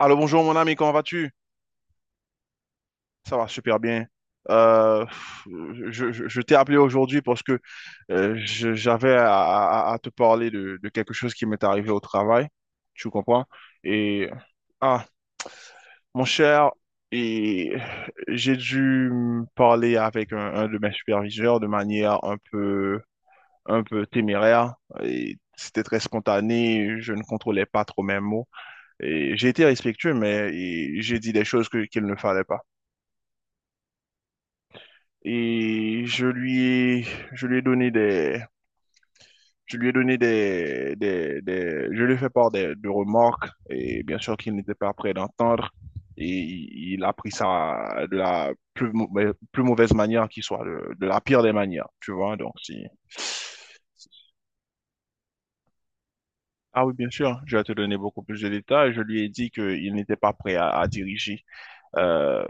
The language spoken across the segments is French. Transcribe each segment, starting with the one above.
Alors bonjour mon ami, comment vas-tu? Ça va super bien. Euh, je t'ai appelé aujourd'hui parce que j'avais à te parler de quelque chose qui m'est arrivé au travail, tu comprends? Et ah, mon cher, et j'ai dû me parler avec un de mes superviseurs de manière un peu téméraire et c'était très spontané, je ne contrôlais pas trop mes mots et j'ai été respectueux mais et j'ai dit des choses que qu'il ne fallait pas. Et je lui ai donné des, je lui ai donné je lui ai fait part de remarques et bien sûr qu'il n'était pas prêt d'entendre et il a pris ça de la plus mauvaise manière qui soit, de la pire des manières, tu vois, donc si... Ah oui, bien sûr, je vais te donner beaucoup plus de détails. Je lui ai dit qu'il n'était pas prêt euh,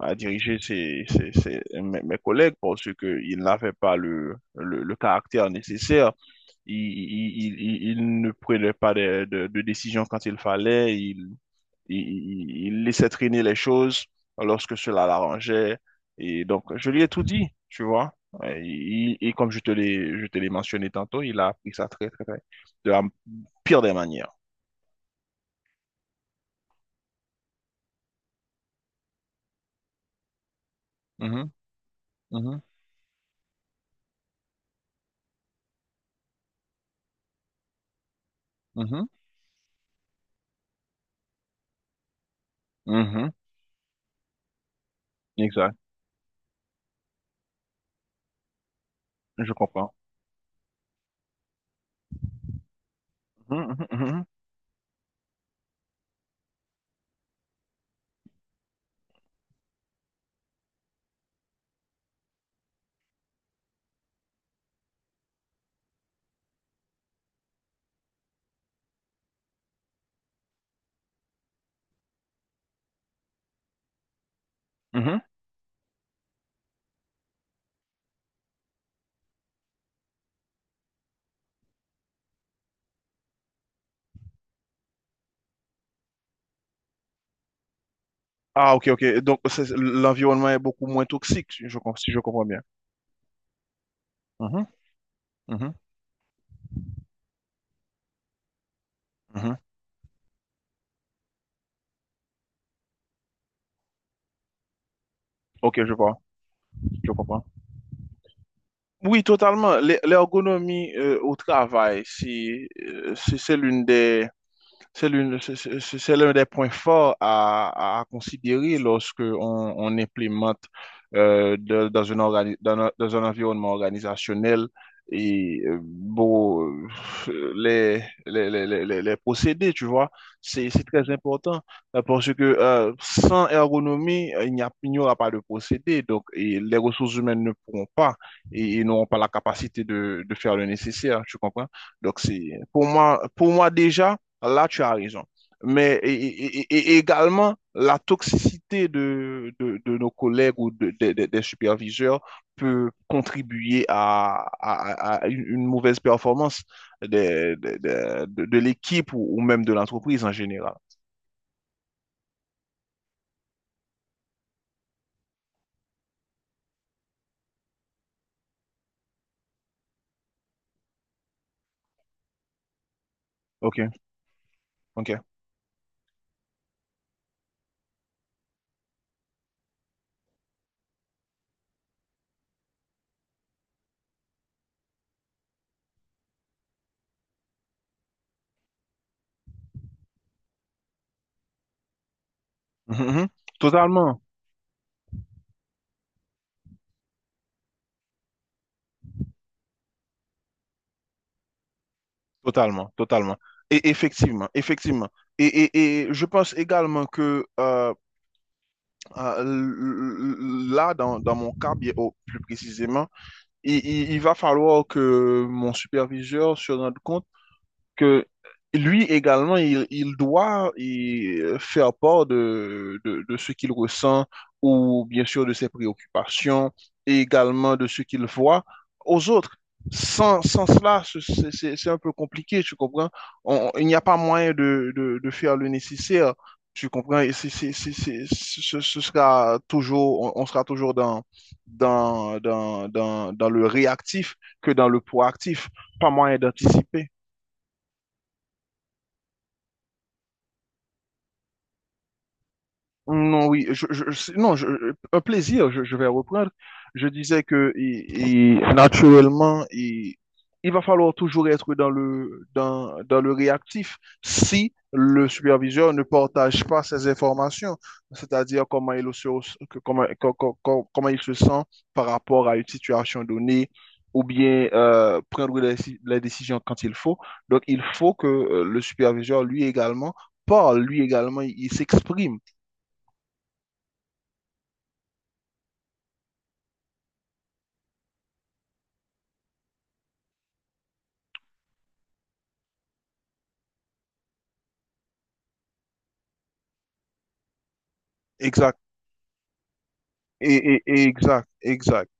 à diriger mes, mes collègues parce qu'il n'avait pas le caractère nécessaire. Il, il, il, il- Ne prenait pas de décision quand il fallait. Il, il- laissait traîner les choses lorsque cela l'arrangeait. Et donc, je lui ai tout dit, tu vois. Et, et comme je je te l'ai mentionné tantôt, il a appris ça très, de la pire des manières. Mhm. mhm, mhm, mhm. Exact, je comprends. Mhm, mhm, mhm. Mhm. Ah, ok, ok. Donc, c'est- l'environnement est beaucoup moins toxique, si je comprends bien. Mhm, mhm, mhm. Ok, je vois, je comprends. Oui, totalement. L'ergonomie au travail, si, si c'est l'une des, c'est l'une, c'est l'un des points forts à considérer lorsque on implémente dans une un dans un environnement organisationnel et bon, euh, les, les procédés, tu vois, c'est très important parce que sans ergonomie, il n'y a, il n'y aura pas de procédé. Donc, et les ressources humaines ne pourront pas et, et n'auront pas la capacité de faire le nécessaire, tu comprends? Donc, c'est pour moi déjà. Là, tu as raison. Mais et également, la toxicité de nos collègues ou des superviseurs peut contribuer à, à une mauvaise performance de l'équipe ou même de l'entreprise en général. OK, OK. Mhm, mhm. Totalement. Totalement, totalement. Et effectivement, effectivement. Et je pense également que là, dans mon cas, bien, oh, plus précisément, il va falloir que mon superviseur se rende compte que lui également, il, faire part de ce qu'il ressent ou bien sûr de ses préoccupations et également de ce qu'il voit aux autres. Sans cela, c'est un peu compliqué, tu comprends? On- il n'y a pas moyen de faire le nécessaire, tu comprends? Et ce sera toujours, on sera toujours dans le réactif que dans le proactif, pas moyen d'anticiper. Non, oui, non, je- un plaisir, je vais reprendre. Je disais que et naturellement, et, il va falloir toujours être dans le, dans le réactif si le superviseur ne partage pas ces informations, c'est-à-dire comment il se, que- comment, co- co- co- comment il se sent par rapport à une situation donnée ou bien prendre les décisions quand il faut. Donc, il faut que le superviseur, lui également, parle, lui également, il s'exprime. Exact. Et exact, exact.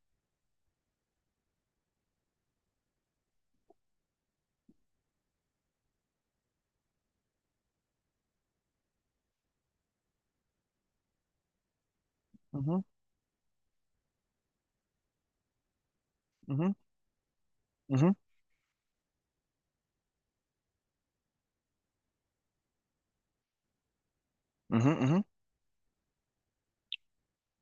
Mhm, mhm, mhm, mhm, mhm.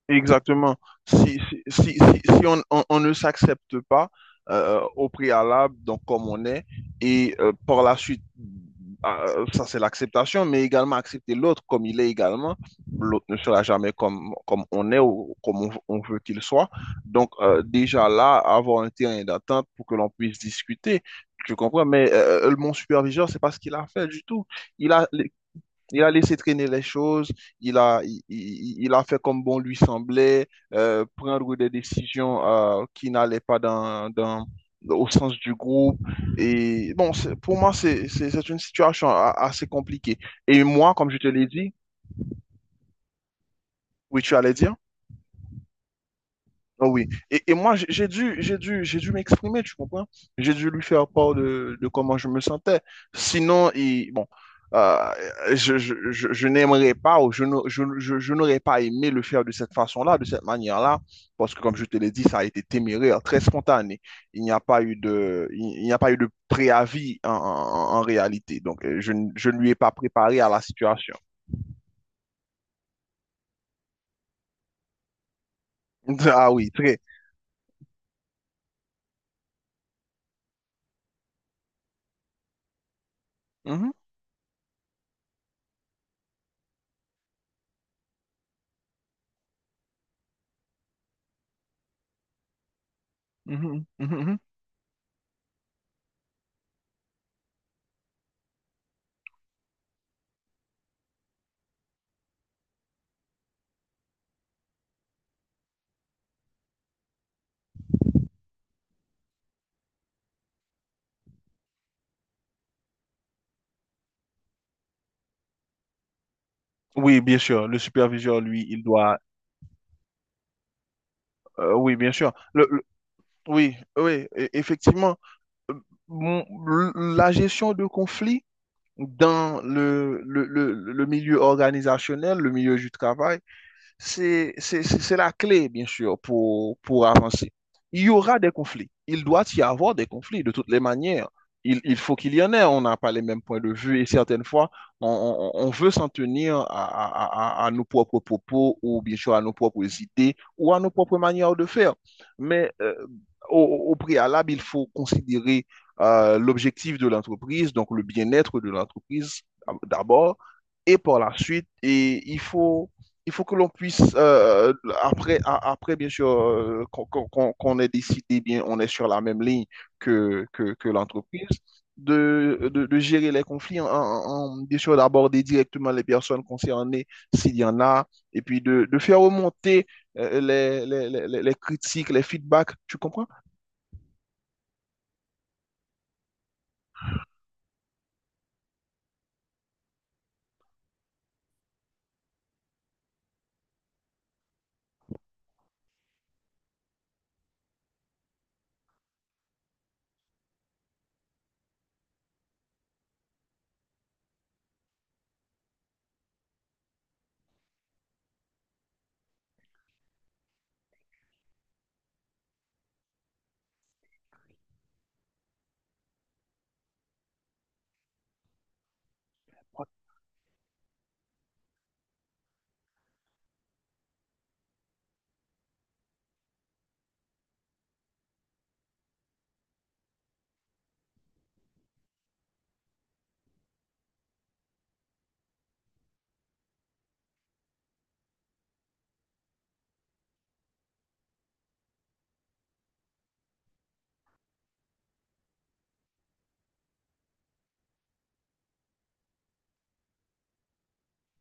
Exactement. Si on, on ne s'accepte pas au préalable, donc comme on est, et par la suite, ça c'est l'acceptation, mais également accepter l'autre comme il est également. L'autre ne sera jamais comme, comme on est ou comme on veut qu'il soit. Donc déjà là, avoir un terrain d'attente pour que l'on puisse discuter. Je comprends, mais mon superviseur, c'est pas ce qu'il a fait du tout. Il a il a laissé traîner les choses, il a fait comme bon lui semblait, prendre des décisions qui n'allaient pas au sens du groupe. Et bon, pour moi, c'est une situation assez compliquée. Et moi, comme je te l'ai dit, oui, tu allais dire. Ah oui. Et moi, j'ai dû m'exprimer, tu comprends? J'ai dû lui faire part de comment je me sentais. Sinon, il, bon, euh, je n'aimerais pas ou je n'aurais pas aimé le faire de cette façon-là, de cette manière-là, parce que comme je te l'ai dit, ça a été téméraire, très spontané. Il n'y a pas eu de, il n'y a pas eu de préavis en réalité. Donc, je ne lui ai pas préparé à la situation. Ah oui, très. Mhm, mhm, mhm, mhm. Oui, bien sûr, le superviseur, lui, il doit... oui, bien sûr. Oui, oui, effectivement. Euh, La gestion de conflits dans le milieu organisationnel, le milieu du travail, c'est la clé, bien sûr, pour avancer. Il y aura des conflits. Il doit y avoir des conflits de toutes les manières. Il faut qu'il y en ait. On n'a pas les mêmes points de vue et certaines fois, on, on veut s'en tenir à, à nos propres propos ou bien sûr à nos propres idées ou à nos propres manières de faire. Mais au, au préalable, il faut considérer l'objectif de l'entreprise, donc le bien-être de l'entreprise d'abord et par la suite. Et il faut que l'on puisse, après, après, bien sûr, qu'on ait décidé, bien, on est sur la même ligne que l'entreprise, de gérer les conflits, bien sûr, d'aborder directement les personnes concernées, s'il y en a, et puis de faire remonter les critiques, les feedbacks, tu comprends?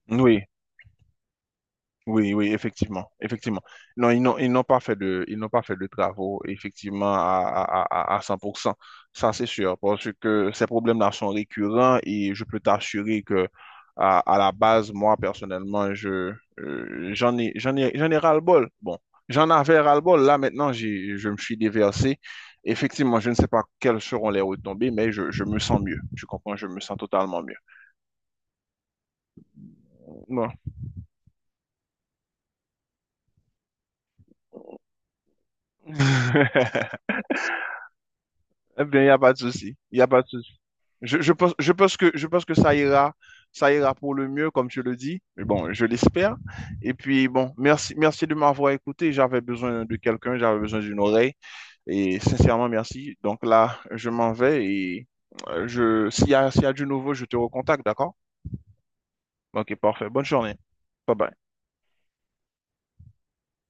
Oui. Oui, oui, effectivement, effectivement. Non, ils n'ont pas fait de, ils n'ont pas fait de travaux, effectivement, à 100%. Ça, c'est sûr, parce que ces problèmes-là sont récurrents et je peux t'assurer que, à la base, moi, personnellement, j'en ai ras-le-bol. Bon, j'en avais ras-le-bol. Là, maintenant, j'ai, je me suis déversé. Effectivement, je ne sais pas quelles seront les retombées, mais je me sens mieux. Tu comprends? Je me sens totalement mieux. Bon. Eh bien, il n'y a pas de souci. Il n'y a pas de souci. Je pense que ça ira pour le mieux, comme tu le dis. Mais bon, je l'espère. Et puis, bon, merci, merci de m'avoir écouté. J'avais besoin de quelqu'un, j'avais besoin d'une oreille. Et sincèrement, merci. Donc là, je m'en vais et s'il y a du nouveau, je te recontacte, d'accord? Ok, parfait. Bonne journée. Bye bye.